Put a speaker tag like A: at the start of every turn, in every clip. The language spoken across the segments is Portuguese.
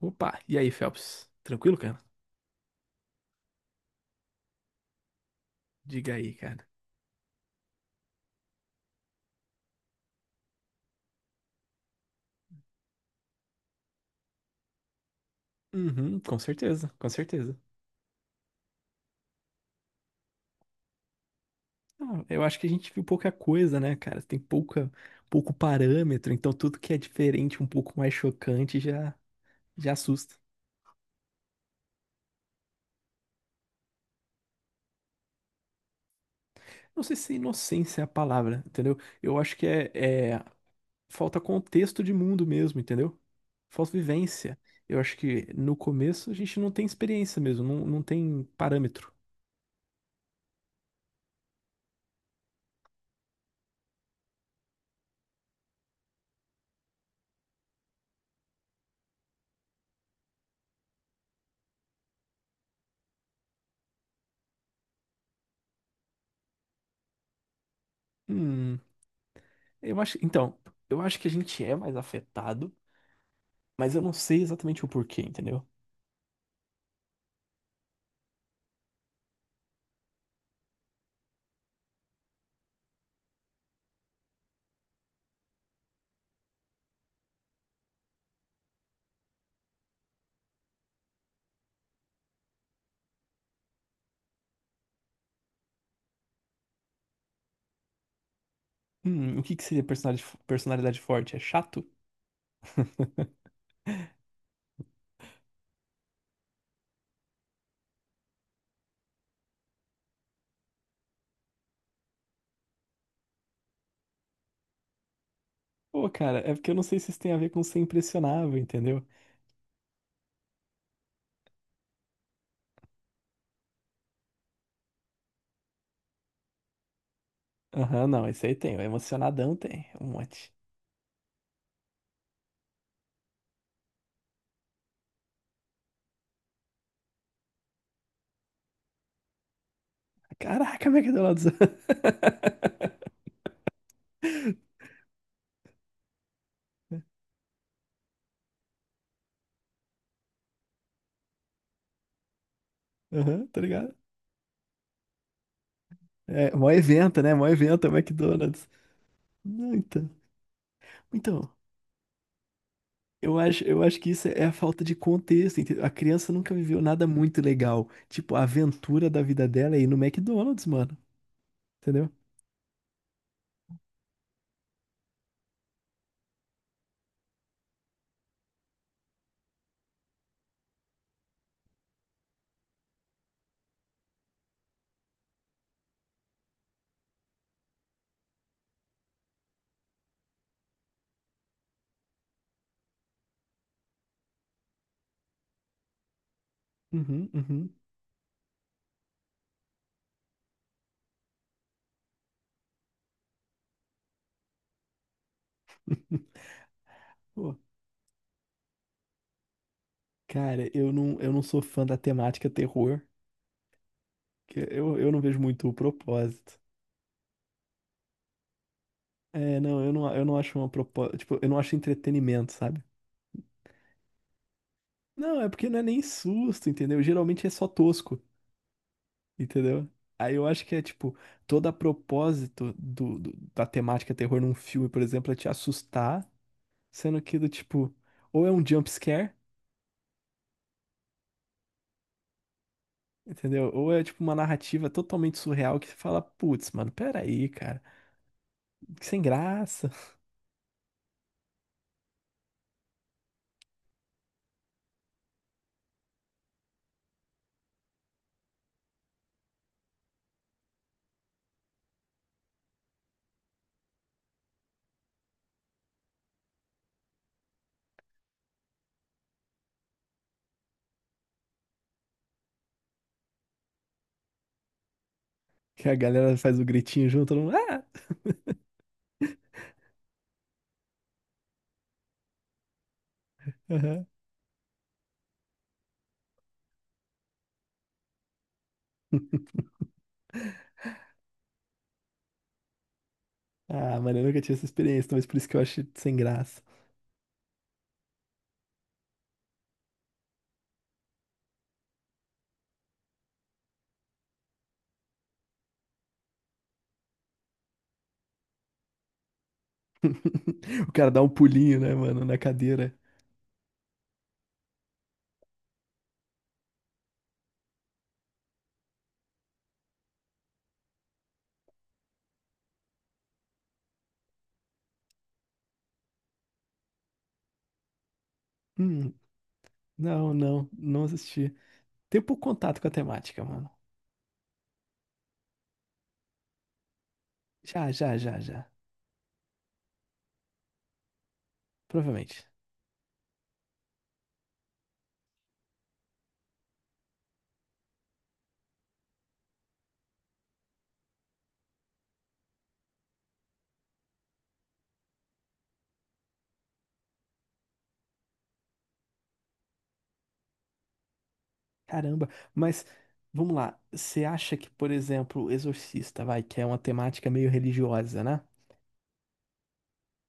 A: Opa, e aí, Phelps? Tranquilo, cara? Diga aí, cara. Uhum, com certeza, com certeza. Ah, eu acho que a gente viu pouca coisa, né, cara? Tem pouco parâmetro, então tudo que é diferente, um pouco mais chocante, já assusta. Não sei se inocência é a palavra, entendeu? Eu acho que é falta contexto de mundo mesmo, entendeu? Falta vivência. Eu acho que no começo a gente não tem experiência mesmo, não tem parâmetro. Hum, eu acho, então, eu acho que a gente é mais afetado. Mas eu não sei exatamente o porquê, entendeu? O que que seria personalidade, personalidade forte? É chato? Pô, cara, é porque eu não sei se isso tem a ver com ser impressionável, entendeu? Aham, não, esse aí tem. O emocionadão tem. Um monte. Caraca, McDonald's. Aham, tá ligado? É, mó evento, né? Mó evento é o McDonald's. Não, então. Então, eu acho que isso é a falta de contexto, entendeu? A criança nunca viveu nada muito legal. Tipo, a aventura da vida dela é ir no McDonald's, mano. Entendeu? Uhum, uhum. Pô, cara, eu não sou fã da temática terror, que eu não vejo muito o propósito. É, não, eu não acho uma propósito, tipo, eu não acho entretenimento, sabe? Não, é porque não é nem susto, entendeu? Geralmente é só tosco, entendeu? Aí eu acho que é, tipo, todo a propósito da temática terror num filme, por exemplo, é te assustar, sendo que do tipo, ou é um jump scare, entendeu? Ou é, tipo, uma narrativa totalmente surreal que você fala, putz, mano, peraí, cara, que sem graça. Que a galera faz o gritinho junto, todo mundo, ah! Aham. Ah, mano, eu nunca tive essa experiência, talvez por isso que eu acho sem graça. O cara dá um pulinho, né, mano, na cadeira. Hum, não assisti. Tem pouco contato com a temática, mano. Já, já, já, já. Provavelmente. Caramba, mas vamos lá. Você acha que, por exemplo, Exorcista, vai, que é uma temática meio religiosa, né?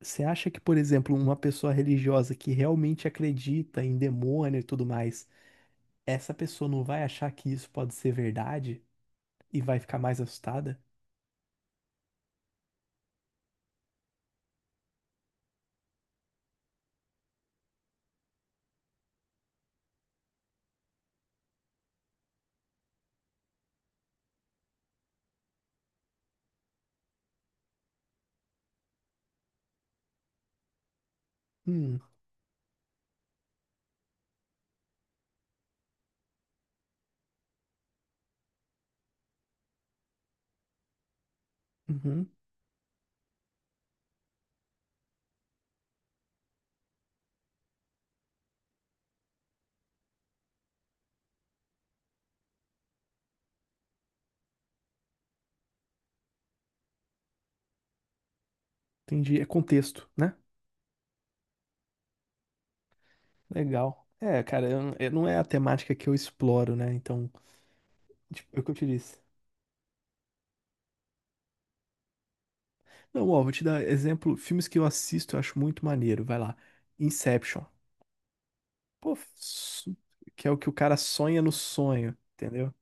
A: Você acha que, por exemplo, uma pessoa religiosa que realmente acredita em demônio e tudo mais, essa pessoa não vai achar que isso pode ser verdade e vai ficar mais assustada? Hum, uhum, entendi. É contexto, né? Legal. É, cara, não é a temática que eu exploro, né? Então, tipo, é o que eu te disse. Não, ó, vou te dar exemplo. Filmes que eu assisto, eu acho muito maneiro. Vai lá. Inception. Pô, que é o que o cara sonha no sonho, entendeu?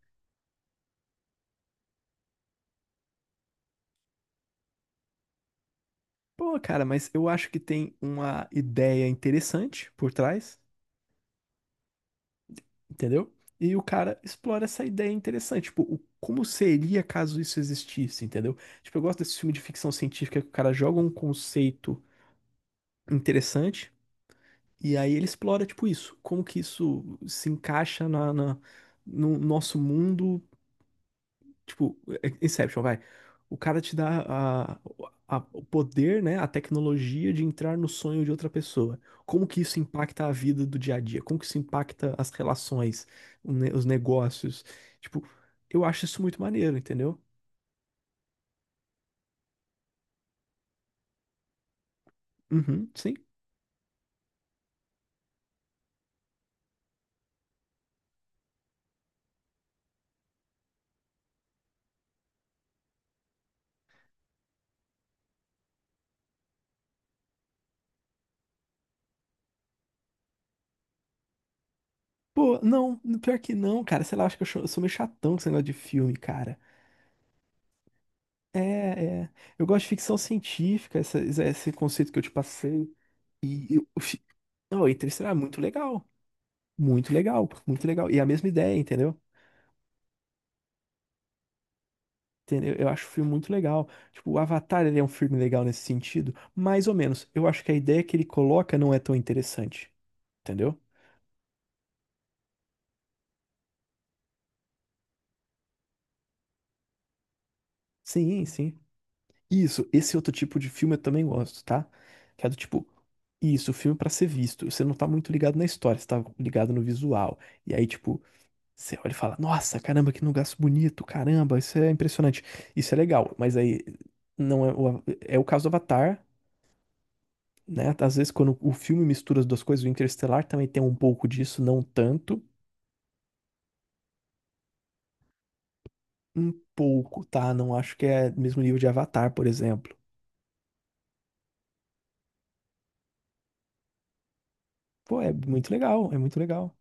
A: Pô, cara, mas eu acho que tem uma ideia interessante por trás. Entendeu? E o cara explora essa ideia interessante, tipo, o, como seria caso isso existisse, entendeu? Tipo, eu gosto desse filme de ficção científica que o cara joga um conceito interessante e aí ele explora, tipo, isso, como que isso se encaixa no nosso mundo. Tipo, Inception, vai. O cara te dá a- o poder, né, a tecnologia de entrar no sonho de outra pessoa. Como que isso impacta a vida do dia a dia? Como que isso impacta as relações, os negócios? Tipo, eu acho isso muito maneiro, entendeu? Uhum, sim. Pô, não, pior que não, cara. Sei lá, acho que eu sou meio chatão com esse negócio de filme, cara. É, é. Eu gosto de ficção científica, esse conceito que eu te passei. E não, e Interestelar é muito legal. Muito legal, muito legal. E a mesma ideia, entendeu? Entendeu? Eu acho o filme muito legal. Tipo, o Avatar, ele é um filme legal nesse sentido, mais ou menos. Eu acho que a ideia que ele coloca não é tão interessante, entendeu? Sim, sim. Isso, esse outro tipo de filme eu também gosto, tá? Que é do tipo, isso, filme pra ser visto. Você não tá muito ligado na história, você tá ligado no visual. E aí, tipo, você olha e fala: "Nossa, caramba, que lugar bonito, caramba, isso é impressionante". Isso é legal, mas aí não é o, é o caso do Avatar, né? Às vezes quando o filme mistura as duas coisas, o Interestelar também tem um pouco disso, não tanto, um pouco, tá? Não acho que é mesmo nível de Avatar, por exemplo. Pô, é muito legal, é muito legal.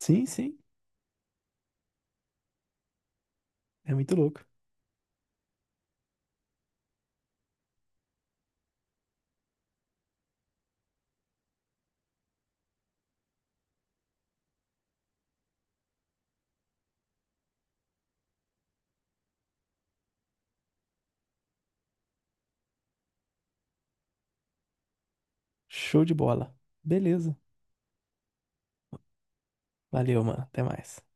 A: Sim, sim, é muito louco. Show de bola. Beleza. Valeu, mano. Até mais.